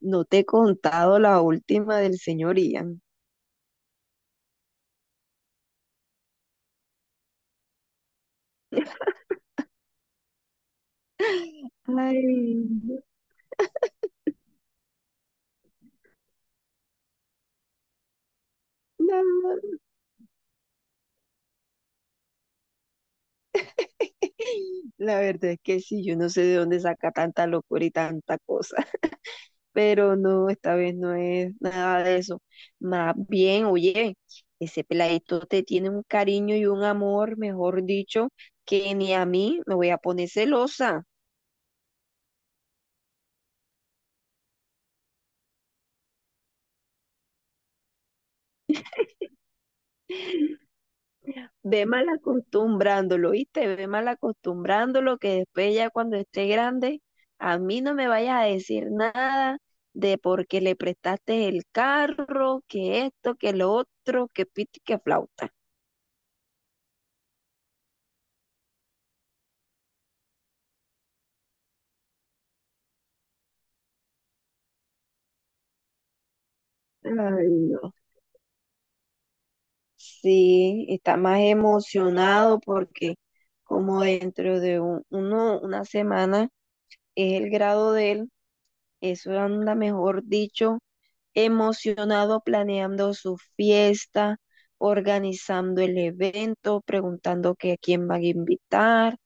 No te he contado la última del señor Ian. Ay, no. No. La verdad es que sí, yo no sé de dónde saca tanta locura y tanta cosa, pero no, esta vez no es nada de eso. Más bien, oye, ese peladito te tiene un cariño y un amor, mejor dicho, que ni a mí me voy a poner celosa. Ve mal acostumbrándolo, ¿viste? Ve mal acostumbrándolo que después ya cuando esté grande, a mí no me vayas a decir nada de porque le prestaste el carro, que esto, que lo otro, que piti, que flauta. Ay, no. Sí, está más emocionado porque como dentro de una semana es el grado de él, eso anda mejor dicho emocionado planeando su fiesta, organizando el evento, preguntando que a quién van a invitar,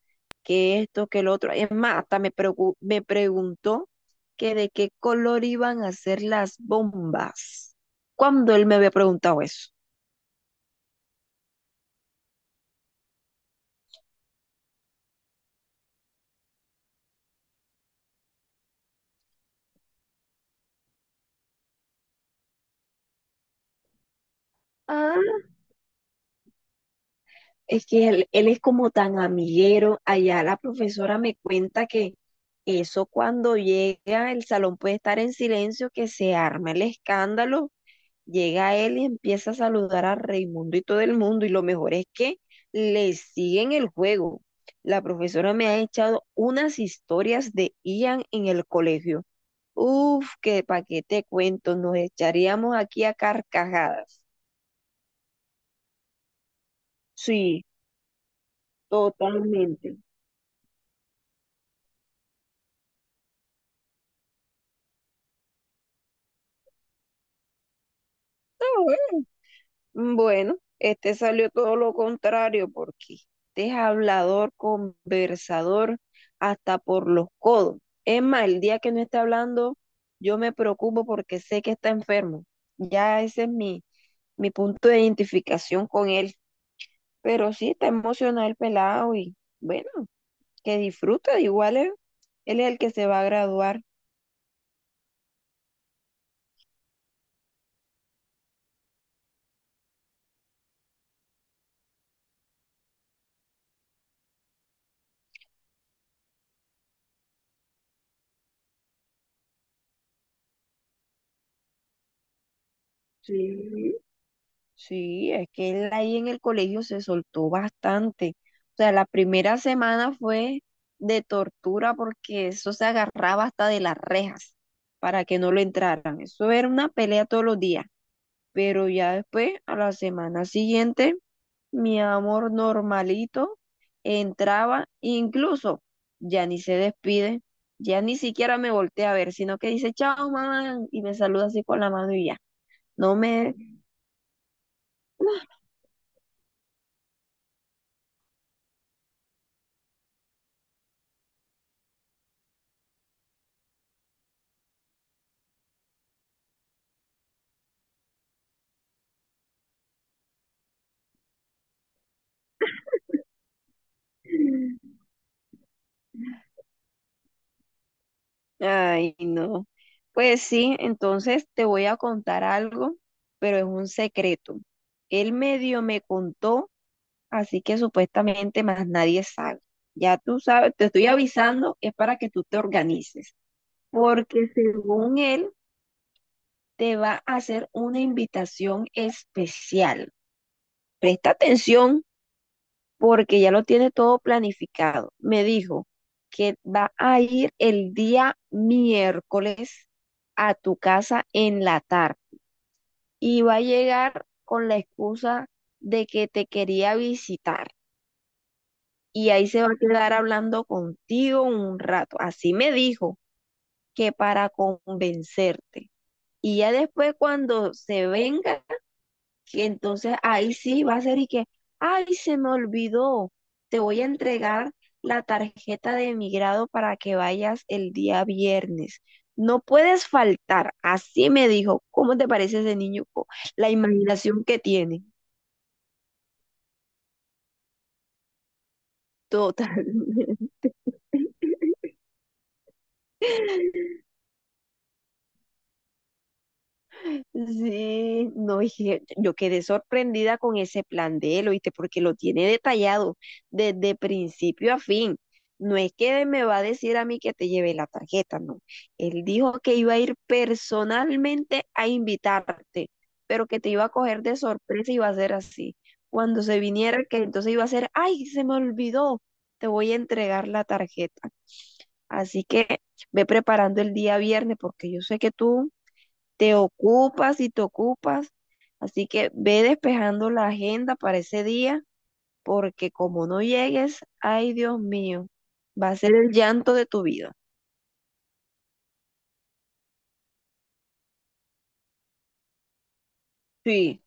que esto, que lo otro. Es más, hasta me preguntó que de qué color iban a ser las bombas. ¿Cuando él me había preguntado eso? Ah, es que él es como tan amiguero. Allá la profesora me cuenta que eso cuando llega el salón puede estar en silencio, que se arma el escándalo. Llega él y empieza a saludar a Raimundo y todo el mundo. Y lo mejor es que le siguen el juego. La profesora me ha echado unas historias de Ian en el colegio. Uf, que pa' qué te cuento, nos echaríamos aquí a carcajadas. Sí, totalmente. Bueno, este salió todo lo contrario porque este es hablador, conversador, hasta por los codos. Es más, el día que no esté hablando, yo me preocupo porque sé que está enfermo. Ya ese es mi punto de identificación con él. Pero sí, está emocionado el pelado y bueno, que disfruta. Igual él es el que se va a graduar. Sí. Sí, es que él ahí en el colegio se soltó bastante. O sea, la primera semana fue de tortura porque eso se agarraba hasta de las rejas para que no lo entraran. Eso era una pelea todos los días. Pero ya después, a la semana siguiente, mi amor normalito entraba, incluso ya ni se despide, ya ni siquiera me voltea a ver, sino que dice, chao, mamá, y me saluda así con la mano y ya. No me... Ay, no. Pues sí, entonces te voy a contar algo, pero es un secreto. Él medio me contó, así que supuestamente más nadie sabe. Ya tú sabes, te estoy avisando, es para que tú te organices, porque según él te va a hacer una invitación especial. Presta atención, porque ya lo tiene todo planificado. Me dijo que va a ir el día miércoles a tu casa en la tarde y va a llegar con la excusa de que te quería visitar y ahí se va a quedar hablando contigo un rato. Así me dijo, que para convencerte. Y ya después cuando se venga, que entonces ahí sí va a ser y que, ay, se me olvidó, te voy a entregar la tarjeta de emigrado para que vayas el día viernes. No puedes faltar, así me dijo. ¿Cómo te parece ese niño? Co-, la imaginación que tiene, total. Sí, no, y yo quedé sorprendida con ese plan de él, ¿oíste? Porque lo tiene detallado desde principio a fin. No es que me va a decir a mí que te lleve la tarjeta, no. Él dijo que iba a ir personalmente a invitarte, pero que te iba a coger de sorpresa y iba a ser así. Cuando se viniera, que entonces iba a ser, ay, se me olvidó, te voy a entregar la tarjeta. Así que ve preparando el día viernes, porque yo sé que tú te ocupas y te ocupas. Así que ve despejando la agenda para ese día, porque como no llegues, ay Dios mío, va a ser el llanto de tu vida. Sí.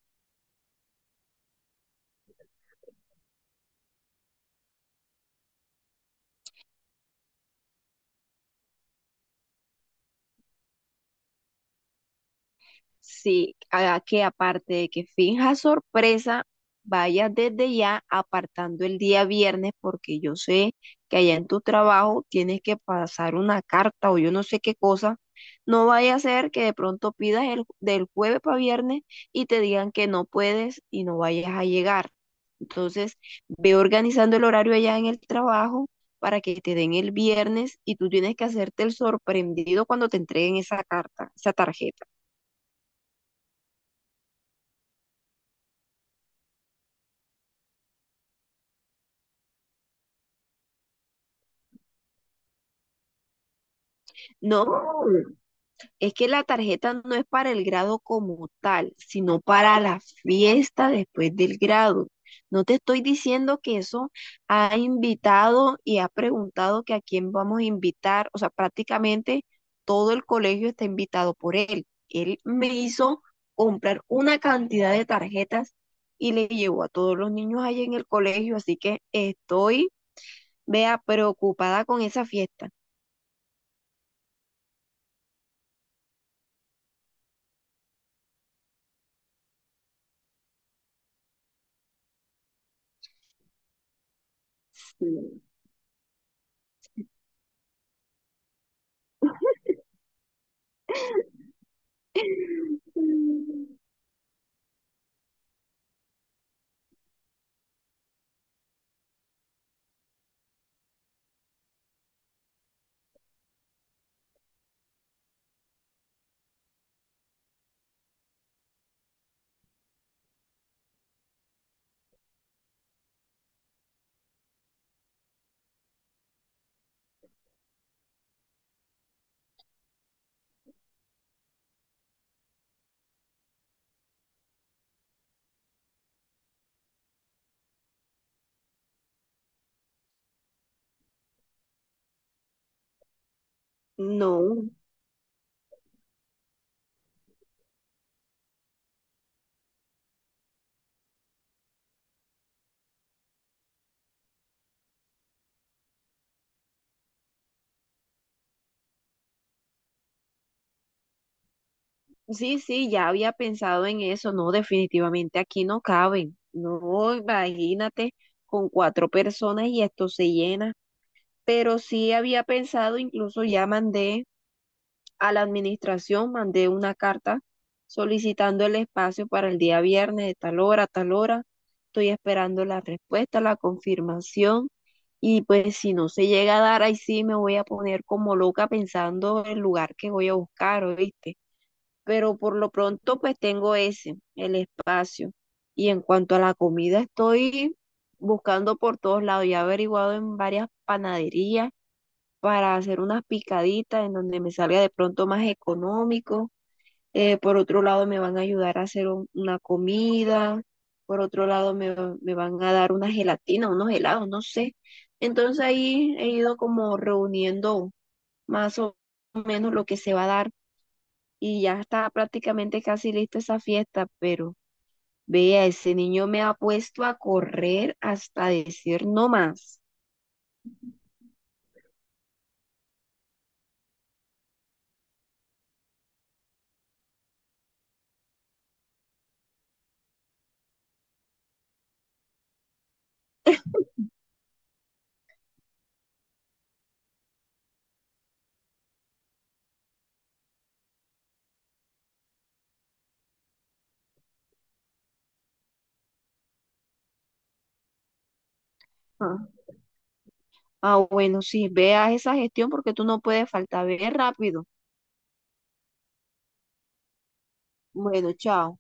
Sí, haga que aparte de que finja sorpresa, vaya desde ya apartando el día viernes porque yo sé que allá en tu trabajo tienes que pasar una carta o yo no sé qué cosa. No vaya a ser que de pronto pidas del jueves para viernes y te digan que no puedes y no vayas a llegar. Entonces, ve organizando el horario allá en el trabajo para que te den el viernes y tú tienes que hacerte el sorprendido cuando te entreguen esa carta, esa tarjeta. No, es que la tarjeta no es para el grado como tal, sino para la fiesta después del grado. No te estoy diciendo que eso ha invitado y ha preguntado que a quién vamos a invitar. O sea, prácticamente todo el colegio está invitado por él. Él me hizo comprar una cantidad de tarjetas y le llevó a todos los niños ahí en el colegio, así que estoy, vea, preocupada con esa fiesta. Sí. No, sí, ya había pensado en eso, no, definitivamente aquí no caben, no, imagínate, con cuatro personas y esto se llena, pero sí había pensado, incluso ya mandé, a la administración mandé una carta solicitando el espacio para el día viernes de tal hora a tal hora. Estoy esperando la respuesta, la confirmación. Y pues si no se llega a dar, ahí sí me voy a poner como loca pensando el lugar que voy a buscar, ¿oíste? Pero por lo pronto pues tengo ese, el espacio. Y en cuanto a la comida, estoy buscando por todos lados. Ya he averiguado en varias panaderías para hacer unas picaditas en donde me salga de pronto más económico. Por otro lado, me van a ayudar a hacer una comida. Por otro lado, me van a dar una gelatina, unos helados, no sé. Entonces ahí he ido como reuniendo más o menos lo que se va a dar y ya está prácticamente casi lista esa fiesta, pero vea, ese niño me ha puesto a correr hasta decir no más. Ah. Ah, bueno, sí, vea esa gestión porque tú no puedes faltar, ve rápido. Bueno, chao.